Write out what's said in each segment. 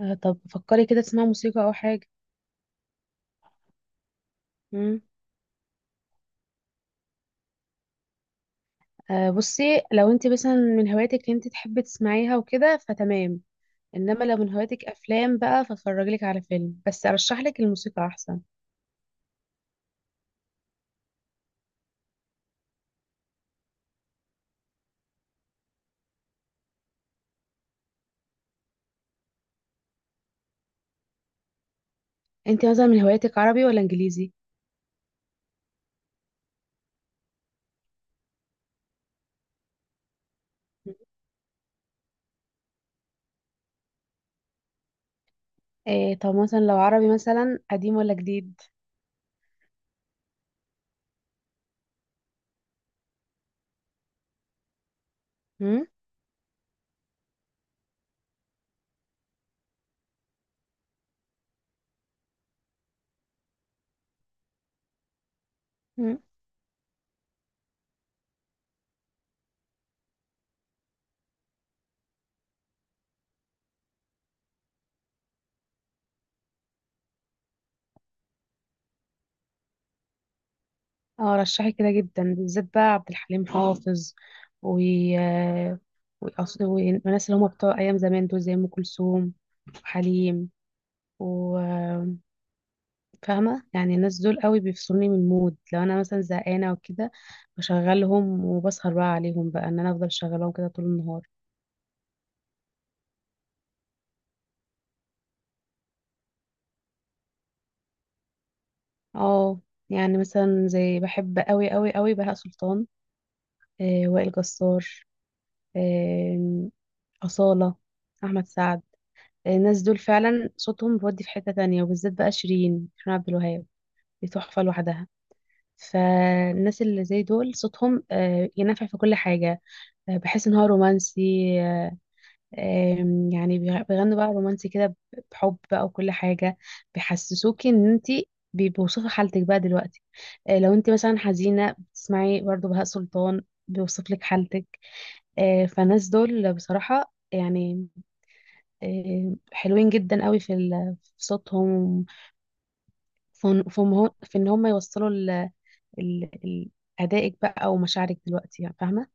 آه، طب فكري كده تسمعي موسيقى او حاجه. مم. آه، بصي. لو انت مثلا من هواياتك انت تحبي تسمعيها وكده فتمام. انما لو من هواياتك افلام بقى فاتفرجلك على فيلم، بس ارشح لك الموسيقى احسن. انت مثلا من هواياتك عربي ولا انجليزي؟ إيه، طب مثلا لو عربي مثلا قديم ولا جديد؟ مم. مم. اه، رشحي كده جدا بالذات بقى عبد الحليم حافظ و آه، والناس اللي هم بتوع ايام زمان دول زي ام كلثوم وحليم. فاهمة، يعني الناس دول قوي بيفصلوني من المود لو انا مثلا زهقانة وكده. بشغلهم وبسهر بقى عليهم، بقى ان انا افضل شغلهم كده طول النهار. اه، يعني مثلا زي بحب قوي قوي قوي بهاء سلطان، وائل جسار، آه أصالة، أحمد سعد. الناس دول فعلا صوتهم بيودي في حتة تانية، وبالذات بقى شيرين، شيرين عبد الوهاب. دي تحفة لوحدها. فالناس اللي زي دول صوتهم ينفع في كل حاجة. بحس ان هو رومانسي. آه، آم، يعني بيغنوا بقى رومانسي كده بحب بقى وكل حاجة. بيحسسوكي ان انت، بيوصفوا حالتك بقى دلوقتي. لو انت مثلا حزينة بتسمعي برضو بهاء سلطان بيوصف لك حالتك. فالناس دول بصراحة، يعني حلوين جدا قوي في في صوتهم. في إن هم يوصلوا ال ال- أدائك بقى ومشاعرك دلوقتي، يعني فاهمة.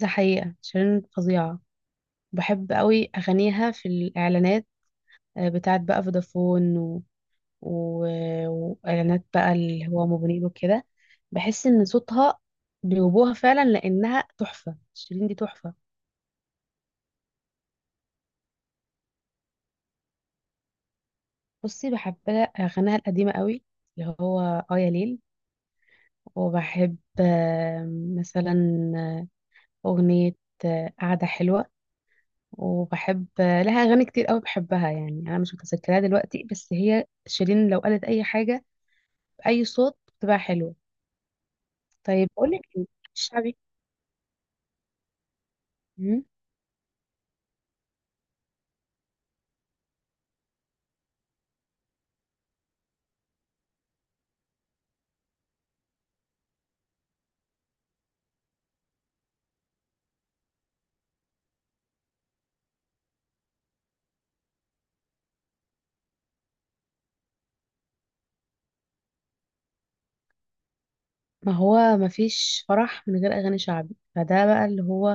ده حقيقة شيرين فظيعة. بحب قوي أغانيها في الإعلانات. بتاعت بقى فودافون و... وإعلانات بقى اللي هو موبينيل وكده. بحس إن صوتها جاوبوها فعلا لأنها تحفة. شيرين دي تحفة. بصي بحب أغانيها القديمة قوي، اللي هو يا ليل. وبحب مثلا آه، أغنية قعدة حلوة. وبحب لها أغاني كتير قوي بحبها، يعني أنا مش متذكرها دلوقتي. بس هي شيرين لو قالت أي حاجة بأي صوت بتبقى حلوة. طيب أقولك إيه، الشعبي. مم. ما هو ما فيش فرح من غير اغاني شعبي. فده بقى اللي هو،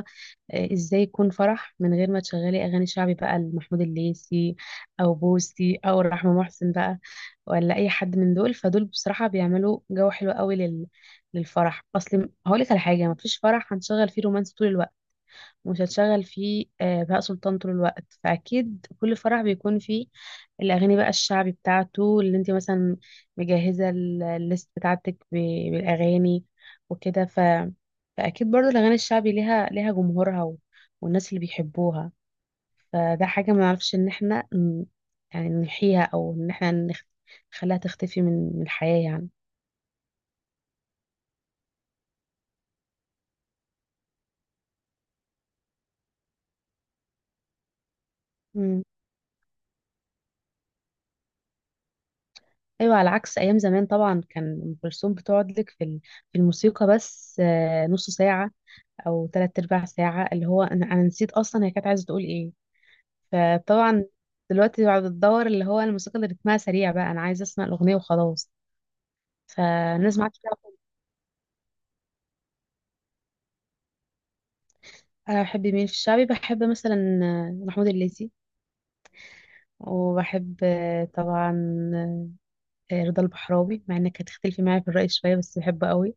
ازاي يكون فرح من غير ما تشغلي اغاني شعبي بقى لمحمود الليثي او بوسي او رحمة محسن بقى، ولا اي حد من دول. فدول بصراحة بيعملوا جو حلو قوي للفرح. اصل هقولك على حاجة، ما فيش فرح هنشغل فيه رومانس طول الوقت. مش هتشغل فيه بهاء سلطان طول الوقت. فأكيد كل فرح بيكون فيه الأغاني بقى الشعبي بتاعته، اللي انت مثلا مجهزة الليست بتاعتك بالأغاني وكده. فأكيد برضو الأغاني الشعبي ليها جمهورها، والناس اللي بيحبوها. فده حاجة ما نعرفش إن احنا يعني نحيها، أو إن احنا نخليها تختفي من الحياة يعني. مم. أيوة، على عكس أيام زمان طبعا كان أم كلثوم بتقعد لك في في الموسيقى بس نص ساعة او تلات ارباع ساعة، اللي هو انا نسيت اصلا هي كانت عايزة تقول ايه. فطبعا دلوقتي بعد الدور اللي هو الموسيقى اللي رتمها سريع، بقى انا عايزة اسمع الاغنية وخلاص. فالناس ما عادش تعرف. انا بحب مين في الشعبي؟ بحب مثلا محمود الليثي، وبحب طبعا رضا البحراوي. مع انك هتختلفي معايا في الرأي شوية، بس بحبه قوي.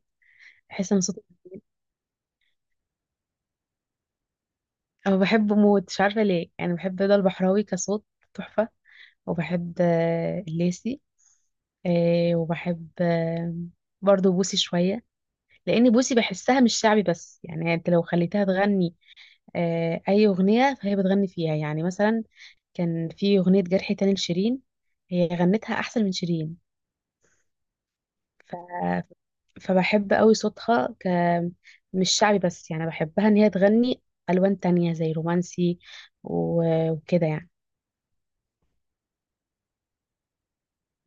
بحس ان صوته، أو بحبه موت مش عارفة ليه. يعني بحب رضا البحراوي كصوت تحفة. وبحب الليثي، وبحب برضو بوسي شوية، لأن بوسي بحسها مش شعبي بس. يعني أنت لو خليتها تغني أي أغنية فهي بتغني فيها. يعني مثلا كان في أغنية جرح تاني لشيرين، هي غنتها أحسن من شيرين. ف... فبحب قوي صوتها مش شعبي بس. يعني بحبها إن هي تغني ألوان تانية زي رومانسي و... وكده يعني.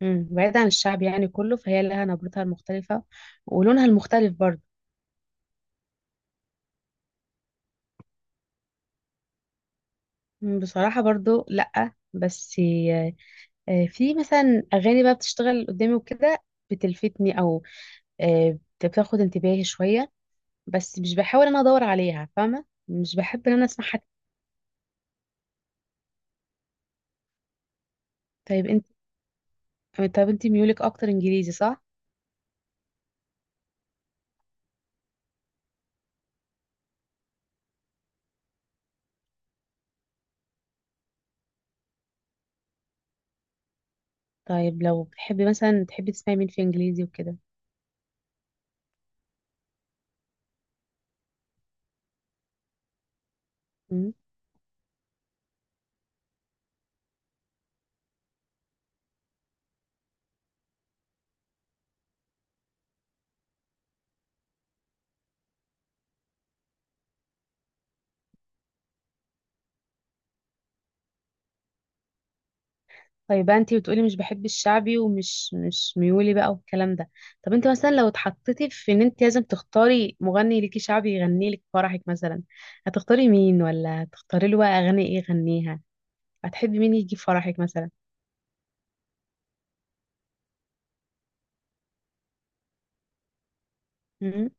بعيد عن الشعب يعني كله، فهي لها نبرتها المختلفة ولونها المختلف برضو. بصراحة برضو لأ، بس في مثلا أغاني بقى بتشتغل قدامي وكده بتلفتني، أو آه، بتاخد انتباهي شوية. بس مش بحاول إن أنا أدور عليها، فاهمة؟ مش بحب إن أنا أسمعها. طيب أنت طيب أنت ميولك أكتر إنجليزي صح؟ طيب لو بتحبي مثلا تحبي تسمعي مين في إنجليزي وكده؟ طيب بقى انت بتقولي مش بحب الشعبي، ومش مش ميولي بقى والكلام ده. طب انت مثلا لو اتحطيتي في ان انت لازم تختاري مغني ليكي شعبي يغني لك فرحك مثلا، هتختاري مين؟ ولا هتختاري له بقى اغاني ايه يغنيها؟ هتحبي مين يجي فرحك مثلا؟ امم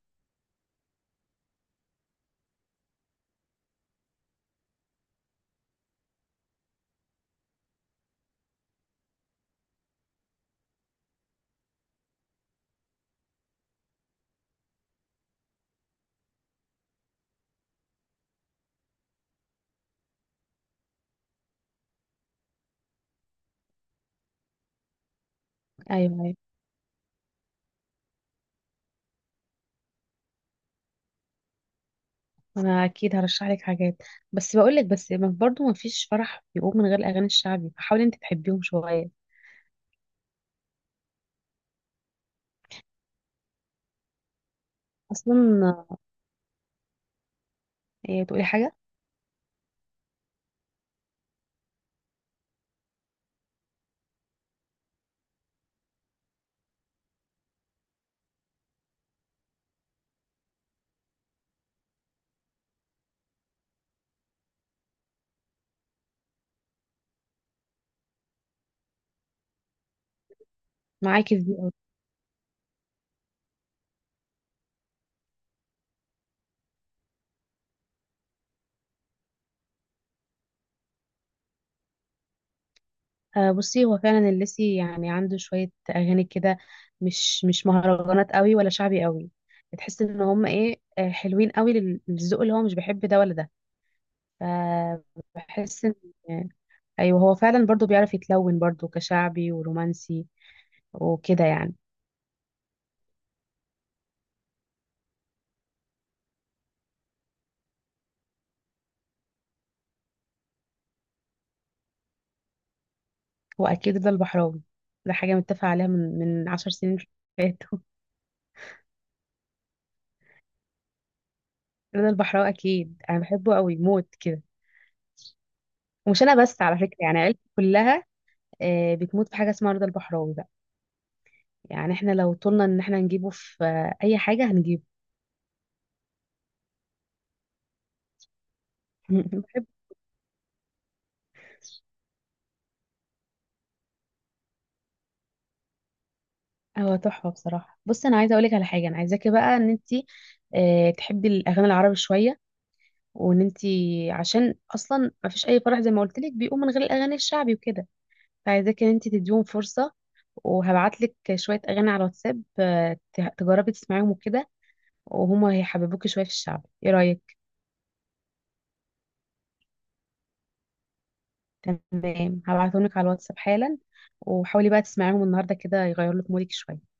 ايوه، ايوه، انا اكيد هرشح لك حاجات. بس بقول لك، بس برضو ما فيش فرح بيقوم من غير الاغاني الشعبي، فحاولي انت تحبيهم شويه. اصلا، ايه تقولي حاجه؟ معاكي في دي. بصي هو فعلا الليسي يعني عنده شوية أغاني كده، مش مهرجانات قوي ولا شعبي قوي. بتحس ان هم ايه، حلوين قوي للذوق اللي هو مش بيحب ده ولا ده. فبحس ان آه، ايوه، هو فعلا برضو بيعرف يتلون برضو كشعبي ورومانسي وكده يعني. هو اكيد رضا البحراوي. ده حاجة متفق عليها من 10 سنين فاتوا. رضا البحراوي اكيد انا بحبه قوي موت كده، ومش انا بس على فكرة، يعني عيلتي كلها بتموت في حاجة اسمها رضا البحراوي. يعني احنا لو طولنا ان احنا نجيبه في اي حاجه هنجيبه. بحب. هو تحفه بصراحه. بصي انا عايزه اقولك على حاجه، انا عايزاكي بقى ان انت تحبي الاغاني العربي شويه، وان انت، عشان اصلا ما فيش اي فرح زي ما قلت لك بيقوم من غير الاغاني الشعبي وكده، فعايزاكي ان انت تديهم فرصه. وهبعت لك شويه اغاني على الواتساب، تجربي تسمعيهم وكده، وهما هيحببوكي شويه في الشعب. ايه رايك؟ تمام هبعتهم لك على الواتساب حالا. وحاولي بقى تسمعيهم النهارده كده يغيروا لك مودك شويه.